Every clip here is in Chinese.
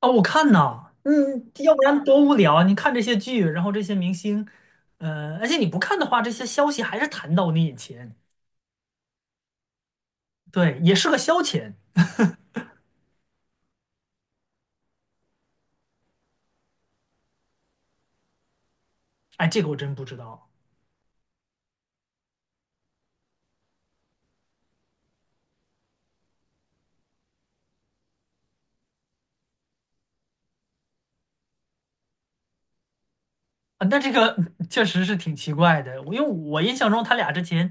啊，我看呐，要不然多无聊啊！你看这些剧，然后这些明星，而且你不看的话，这些消息还是弹到你眼前。对，也是个消遣。哎，这个我真不知道。啊，那这个 确实是挺奇怪的。我因为我印象中他俩之前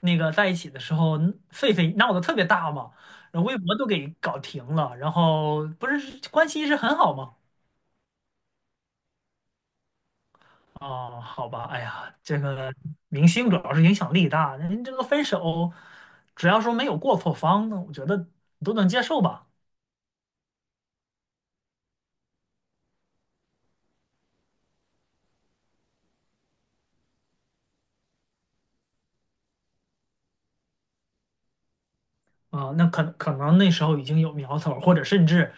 那个在一起的时候，狒狒闹得特别大嘛，然后微博都给搞停了，然后不是关系一直很好吗？哦，好吧。哎呀，这个明星主要是影响力大，人这个分手，只要说没有过错方，那我觉得都能接受吧。啊、那可能那时候已经有苗头，或者甚至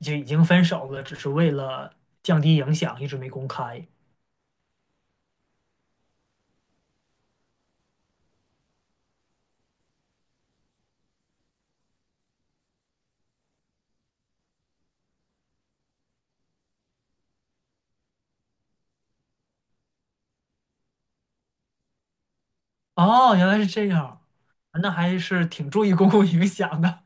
就已经分手了，只是为了降低影响，一直没公开。哦，原来是这样，那还是挺注意公共影响的。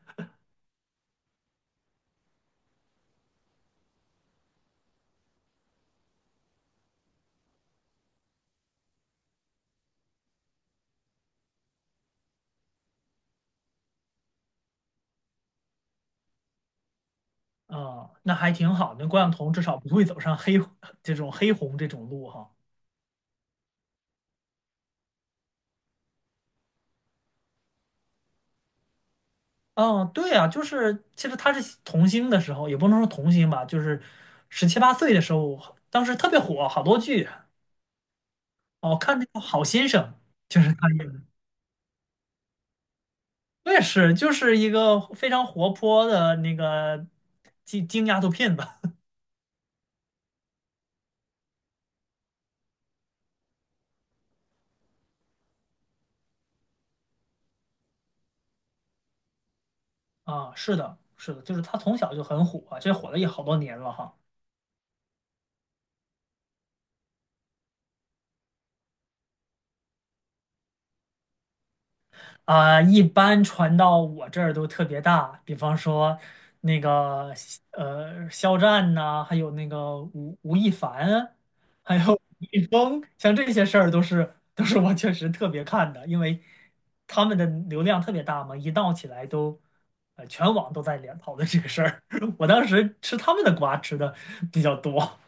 啊、那还挺好的，那关晓彤至少不会走上黑 这种黑红这种路哈。嗯，对啊，就是其实他是童星的时候，也不能说童星吧，就是十七八岁的时候，当时特别火，好多剧哦，看那个《好先生》，就是他演的。我也是，就是一个非常活泼的那个京京丫头片子。啊，是的，是的，就是他从小就很火，这火了也好多年了哈。啊、一般传到我这儿都特别大，比方说那个呃肖战呐、还有那个吴亦凡，还有李易峰，像这些事儿都是我确实特别看的，因为他们的流量特别大嘛，一闹起来都呃全网都在聊讨论这个事儿。我当时吃他们的瓜吃的比较多。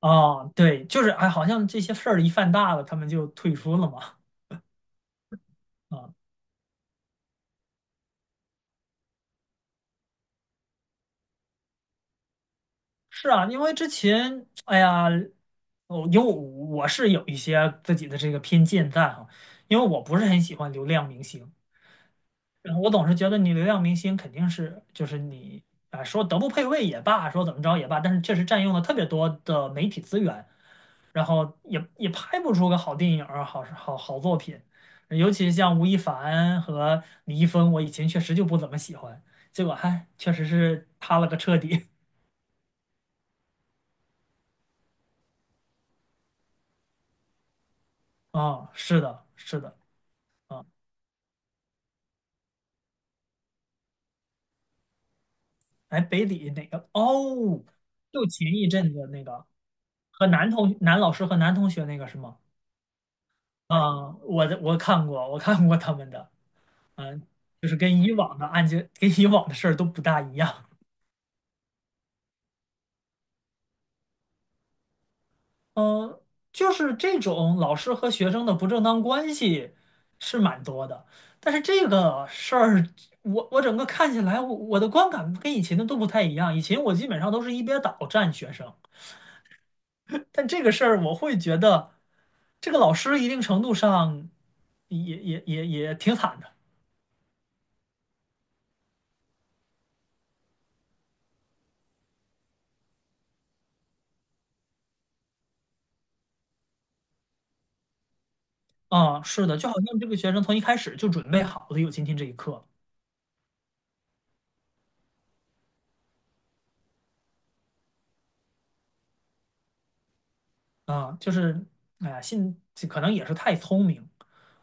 啊、对，就是哎，好像这些事儿一犯大了，他们就退出了嘛。啊。是啊，因为之前，哎呀，我是有一些自己的这个偏见在哈，因为我不是很喜欢流量明星，然后我总是觉得你流量明星肯定是就是你啊，说德不配位也罢，说怎么着也罢，但是确实占用了特别多的媒体资源，然后也拍不出个好电影儿、好作品，尤其像吴亦凡和李易峰，我以前确实就不怎么喜欢，结果还确实是塌了个彻底。 啊，是的，是的。啊。哎，北理哪个？哦，就前一阵子那个和男同男老师和男同学那个是吗？啊、我看过，我看过他们的。嗯，就是跟以往的案件，跟以往的事儿都不大一样。嗯，就是这种老师和学生的不正当关系是蛮多的，但是这个事儿，我整个看起来，我的观感跟以前的都不太一样。以前我基本上都是一边倒站学生，但这个事儿我会觉得，这个老师一定程度上也挺惨的。啊，是的，就好像这个学生从一开始就准备好了有今天这一刻。啊，就是哎呀，信可能也是太聪明，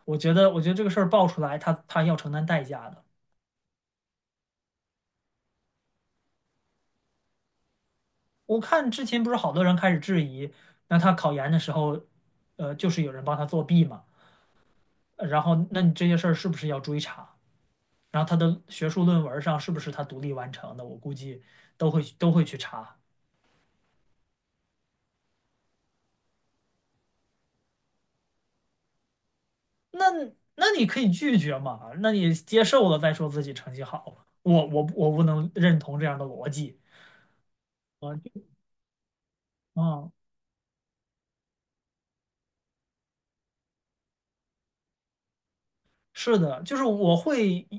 我觉得这个事儿爆出来，他他要承担代价的。我看之前不是好多人开始质疑，那他考研的时候，呃，就是有人帮他作弊嘛，呃然后那你这些事儿是不是要追查？然后他的学术论文上是不是他独立完成的，我估计都会去查。那那你可以拒绝嘛？那你接受了再说自己成绩好，我不能认同这样的逻辑。啊，啊，是的，就是我会一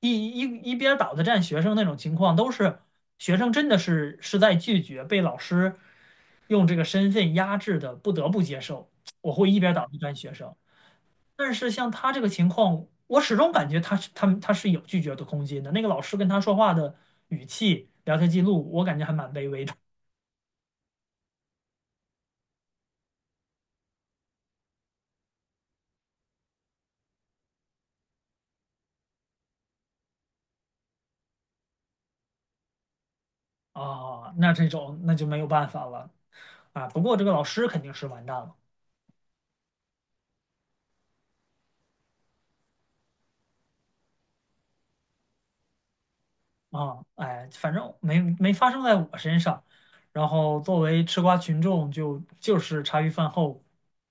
一一边倒的站学生那种情况，都是学生真的是在拒绝被老师用这个身份压制的，不得不接受。我会一边倒的站学生。但是像他这个情况，我始终感觉他是有拒绝的空间的。那个老师跟他说话的语气、聊天记录，我感觉还蛮卑微的。啊，那这种那就没有办法了。啊，不过这个老师肯定是完蛋了。啊，哎，反正没发生在我身上。然后作为吃瓜群众就，就是茶余饭后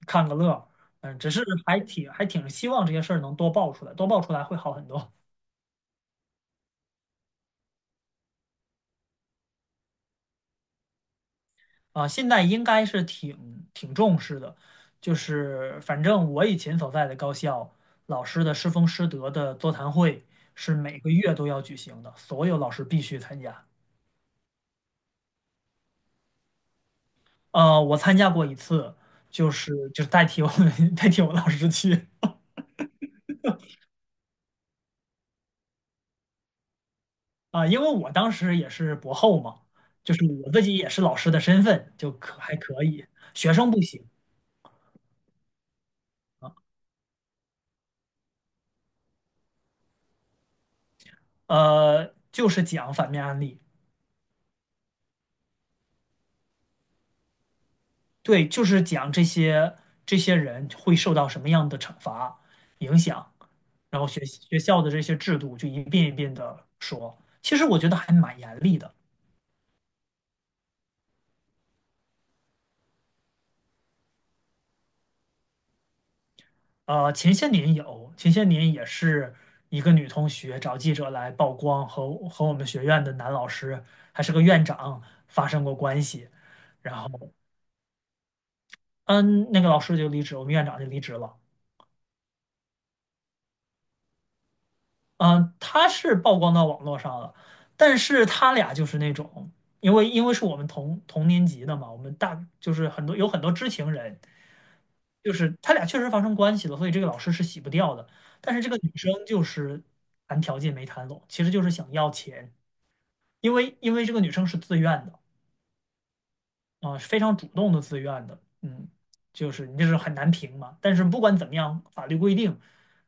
看个乐儿。嗯，只是还挺希望这些事儿能多爆出来，多爆出来会好很多。啊，现在应该是挺挺重视的，就是反正我以前所在的高校老师的师风师德的座谈会是每个月都要举行的，所有老师必须参加。呃，我参加过一次，就是代替我 代替我老师去。啊，因为我当时也是博后嘛，就是我自己也是老师的身份，就可还可以，学生不行。呃，就是讲反面案例。对，就是讲这些这些人会受到什么样的惩罚影响，然后学校的这些制度就一遍一遍的说。其实我觉得还蛮严厉的。呃，前些年有，前些年也是一个女同学找记者来曝光和我们学院的男老师还是个院长发生过关系，然后嗯，那个老师就离职，我们院长就离职了。嗯，他是曝光到网络上了，但是他俩就是那种，因为是我们同年级的嘛，我们大就是很多有很多知情人，就是他俩确实发生关系了，所以这个老师是洗不掉的。但是这个女生就是谈条件没谈拢，其实就是想要钱，因为这个女生是自愿的。啊，是非常主动的自愿的。嗯，就是你这是很难评嘛。但是不管怎么样，法律规定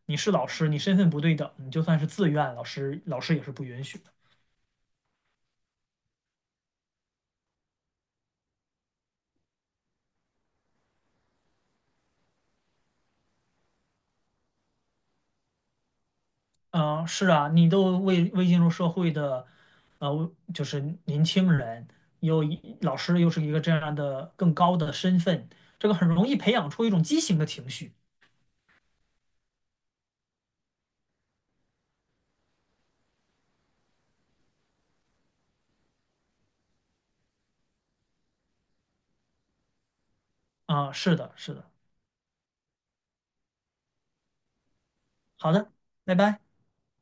你是老师，你身份不对等，你就算是自愿，老师也是不允许的。嗯，是啊，你都未进入社会的，呃，就是年轻人，又一老师又是一个这样的更高的身份，这个很容易培养出一种畸形的情绪。啊，是的，是的。好的，拜拜。